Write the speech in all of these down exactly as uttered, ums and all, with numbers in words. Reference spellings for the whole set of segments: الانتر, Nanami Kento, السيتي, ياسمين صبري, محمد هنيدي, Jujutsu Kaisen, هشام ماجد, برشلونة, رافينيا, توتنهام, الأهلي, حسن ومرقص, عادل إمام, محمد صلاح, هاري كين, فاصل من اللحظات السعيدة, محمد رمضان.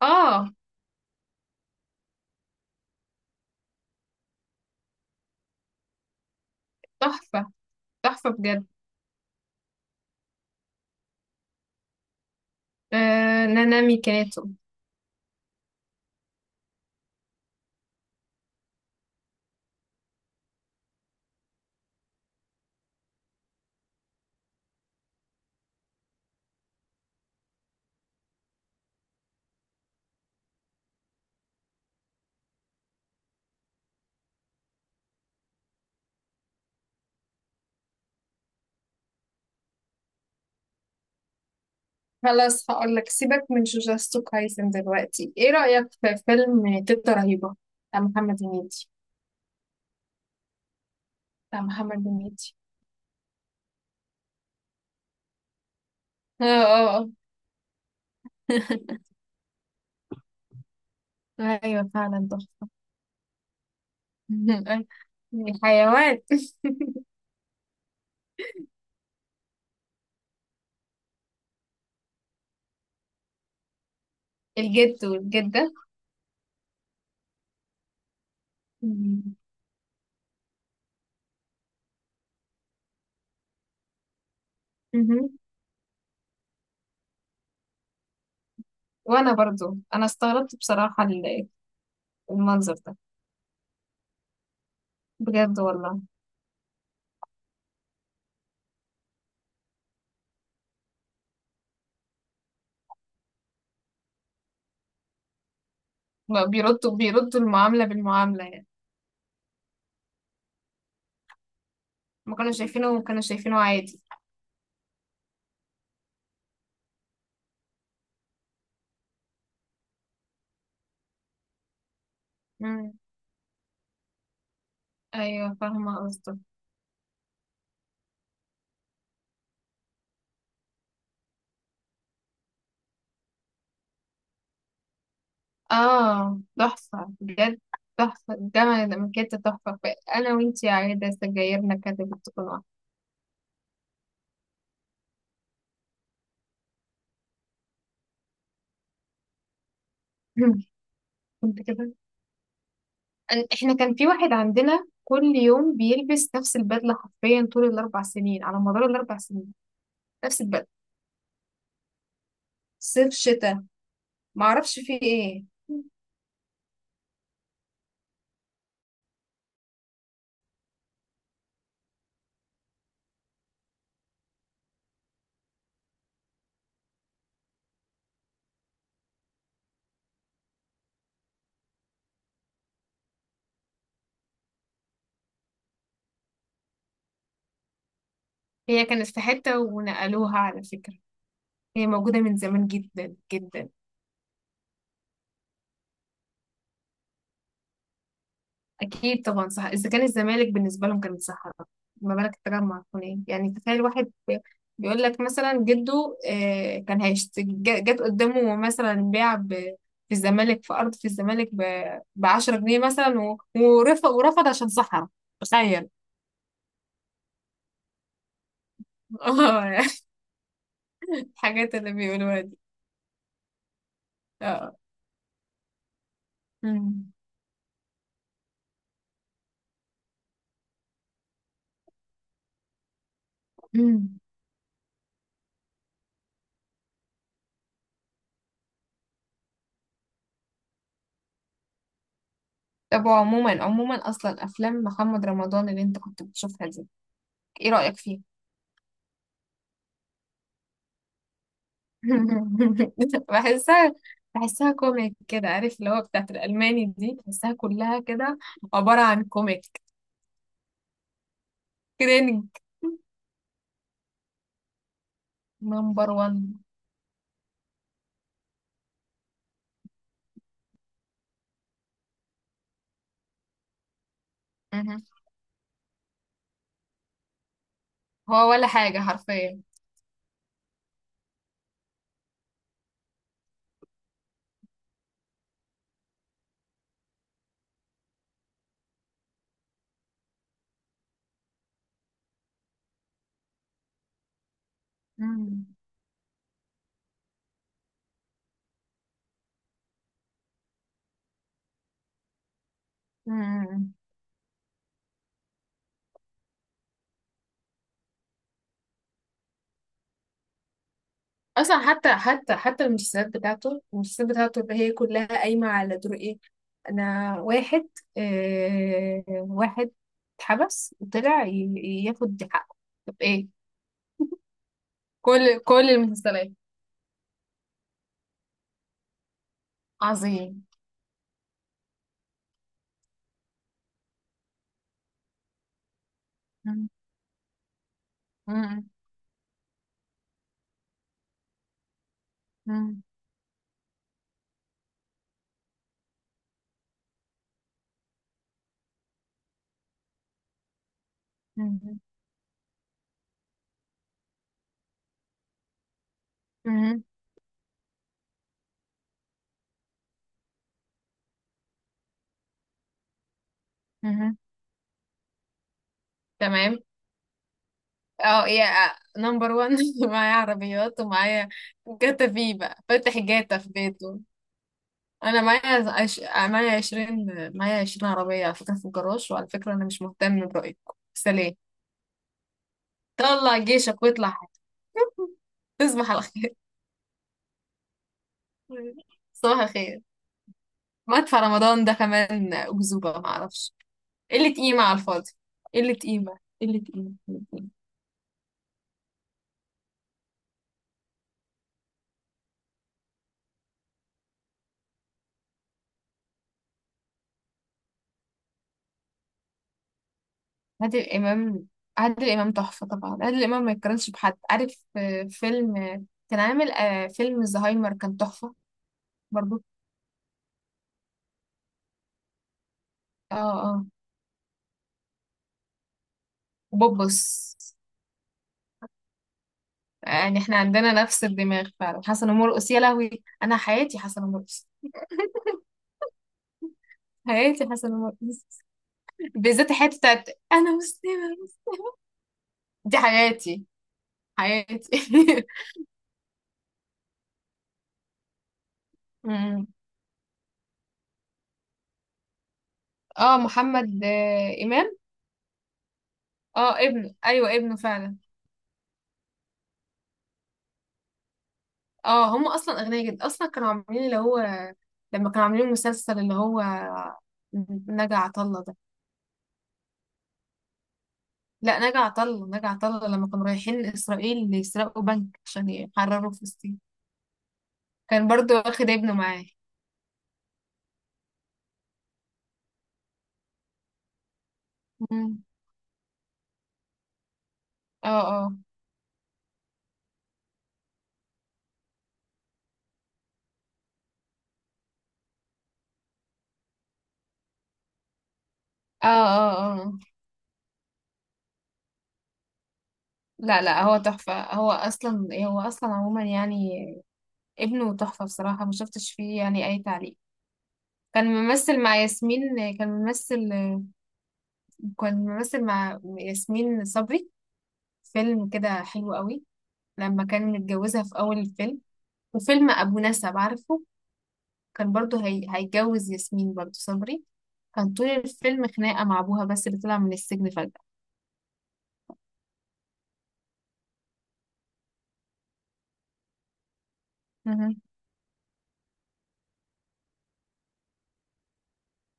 اه. تحفة. تحفة بجد. آه. نانامي كانتو. خلاص، هقولك سيبك من جوجوتسو كايسن دلوقتي، ايه رأيك في فيلم تيتا رهيبة بتاع محمد هنيدي؟ بتاع محمد هنيدي. اه اه آه. ايوه فعلا تحفة. الحيوان. الجد والجدة. مم. مهم. وانا برضو انا استغربت بصراحة ال- المنظر ده. بجد والله. ما بيردوا، بيردوا المعاملة بالمعاملة يعني. ما كانوا شايفينه، كانوا شايفينه عادي. مم. ايوه، فاهمه قصدك. اه تحفه بجد. تحفه الجامعه ده مكانت تحفه. انا وانتي عايده سجايرنا كانت بتكون واحده. كنت كده. أن- احنا كان في واحد عندنا كل يوم بيلبس نفس البدله حرفيا طول الاربع سنين، على مدار الاربع سنين. نفس البدله، صيف شتاء. معرفش في ايه. هي كانت في حته ونقلوها على فكره. هي موجوده من زمان جدا جدا. اكيد طبعا صح. اذا كان الزمالك بالنسبه لهم كانت صحراء، ما بالك التجمع يكون ايه؟ يعني تخيل واحد بي- بيقول لك مثلا جده آه، كان هيشت جا- جت قدامه مثلا بيع ب- في الزمالك في ارض في الزمالك ب عشرة جنيه مثلا و- ورفض ورفض عشان صحراء. تخيل. اه الحاجات اللي بيقولوها دي. اه. أمم. أمم. طب عموما، عموما اصلا افلام محمد رمضان اللي انت كنت بتشوفها دي، ايه رايك فيها؟ بحسها. بحسها كوميك كده، عارف؟ اللي هو بتاعت الألماني دي بحسها كلها كده، عبارة عن كوميك. كرينج. نمبر وان. مهم. هو ولا حاجة حرفيا. مم. مم. أصلا حتى حتى حتى المسلسلات بتاعته المسلسلات بتاعته اللي هي كلها قايمة على دور إيه؟ أنا واحد، آه واحد اتحبس وطلع ي- ياخد حقه. طب إيه؟ كل كل المسلسلات. عظيم. مم. مم. مم. مم. مم. تمام. اه يا. نمبر وان. معايا عربيات ومعايا جاتا في بقى، فاتح جاتا في بيته. انا معايا عش... معايا عشرين. معايا عشرين عربية على فكرة في الجراج، وعلى فكرة انا مش مهتم برأيكم، سلام. طلع جيشك واطلع حاجة. تصبح على خير. صباح الخير. مدفع رمضان ده كمان أكذوبة، معرفش. قلة قيمة على الفاضي. قلة قيمة، قلة قيمة. عادل إمام. عادل إمام تحفة طبعا. عادل إمام ما يتقارنش بحد، عارف؟ آه، فيلم آه، كان عامل آه، فيلم الزهايمر كان تحفة برضو. اه. اه. وبوبس. يعني احنا عندنا نفس الدماغ فعلا. حسن ومرقص يا لهوي، أنا حياتي حسن ومرقص. حياتي حسن ومرقص، بالذات الحتة بتاعت أنا مسلمة، دي حياتي. حياتي. أمم. اه محمد آه، إمام. اه ابنه، أيوه ابنه فعلا. اه هم اصلا اغنياء جدا اصلا، كانوا عاملين اللي هو، لما كانوا عاملين المسلسل اللي هو نجا عطله ده. لا، نجا عطله نجا عطله لما كانوا رايحين اسرائيل يسرقوا بنك عشان يحرروا فلسطين. كان برضو واخد ابنه معاه. مم. اه اه اه اه اه. لا، لا هو تحفة. هو أصلا هو أصلا عموما يعني ابنه تحفة بصراحة، ما شفتش فيه يعني أي تعليق. كان ممثل مع ياسمين كان ممثل كان ممثل مع ياسمين صبري في فيلم كده حلو قوي، لما كان متجوزها في أول الفيلم. وفيلم أبو نسب عارفه، كان برضه هي... هيتجوز ياسمين برضه صبري. كان طول الفيلم خناقة مع أبوها، بس اللي طلع من السجن فجأة. مهم.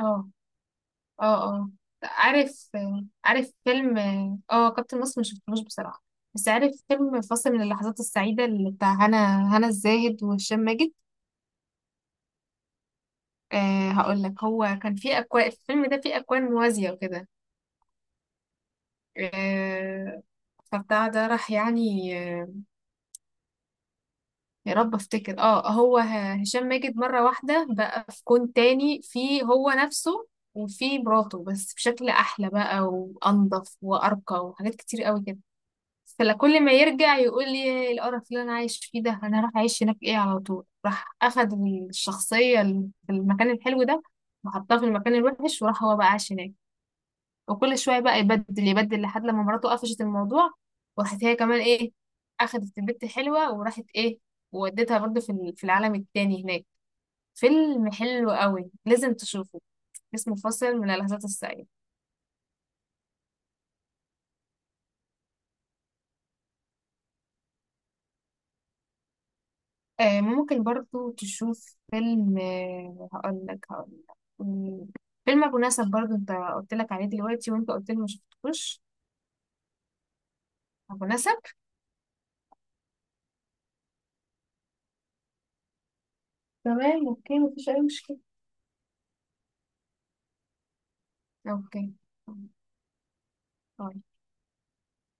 اه اه اه. عارف. عارف فيلم. اه كابتن مصر مشفتهوش بصراحة، بس عارف فيلم فاصل من اللحظات السعيدة اللي بتاع هنا هنا الزاهد وهشام ماجد. آه هقول لك، هو كان في أكوان، الفيلم ده فيه أكوان موازية وكده. آه، فبتاع ده راح يعني آه، يا رب افتكر. اه هو ه- هشام ماجد مرة واحدة بقى في كون تاني، في هو نفسه وفي مراته بس بشكل احلى بقى وانضف وارقى وحاجات كتير قوي كده. فكل ما يرجع يقول لي إيه القرف اللي انا عايش فيه ده، انا راح اعيش هناك ايه على طول، راح اخد الشخصية ال- في المكان الحلو ده وحطها في المكان الوحش، وراح هو بقى عاش هناك، وكل شوية بقى يبدل يبدل لحد لما مراته قفشت الموضوع. وراحت هي كمان ايه، أخدت البت حلوة وراحت ايه، وودتها برضه في ال- في العالم التاني هناك. فيلم حلو قوي، لازم تشوفه. اسمه فاصل من اللحظات السعيدة. آه ممكن برضه تشوف فيلم، آه هقول لك هقول لك مم، فيلم أبو نسب برضه انت قلت لك عليه دلوقتي، وانت قلت لي ما شفتوش. أبو نسب. تمام، اوكي. مفيش أي مشكلة. اوكي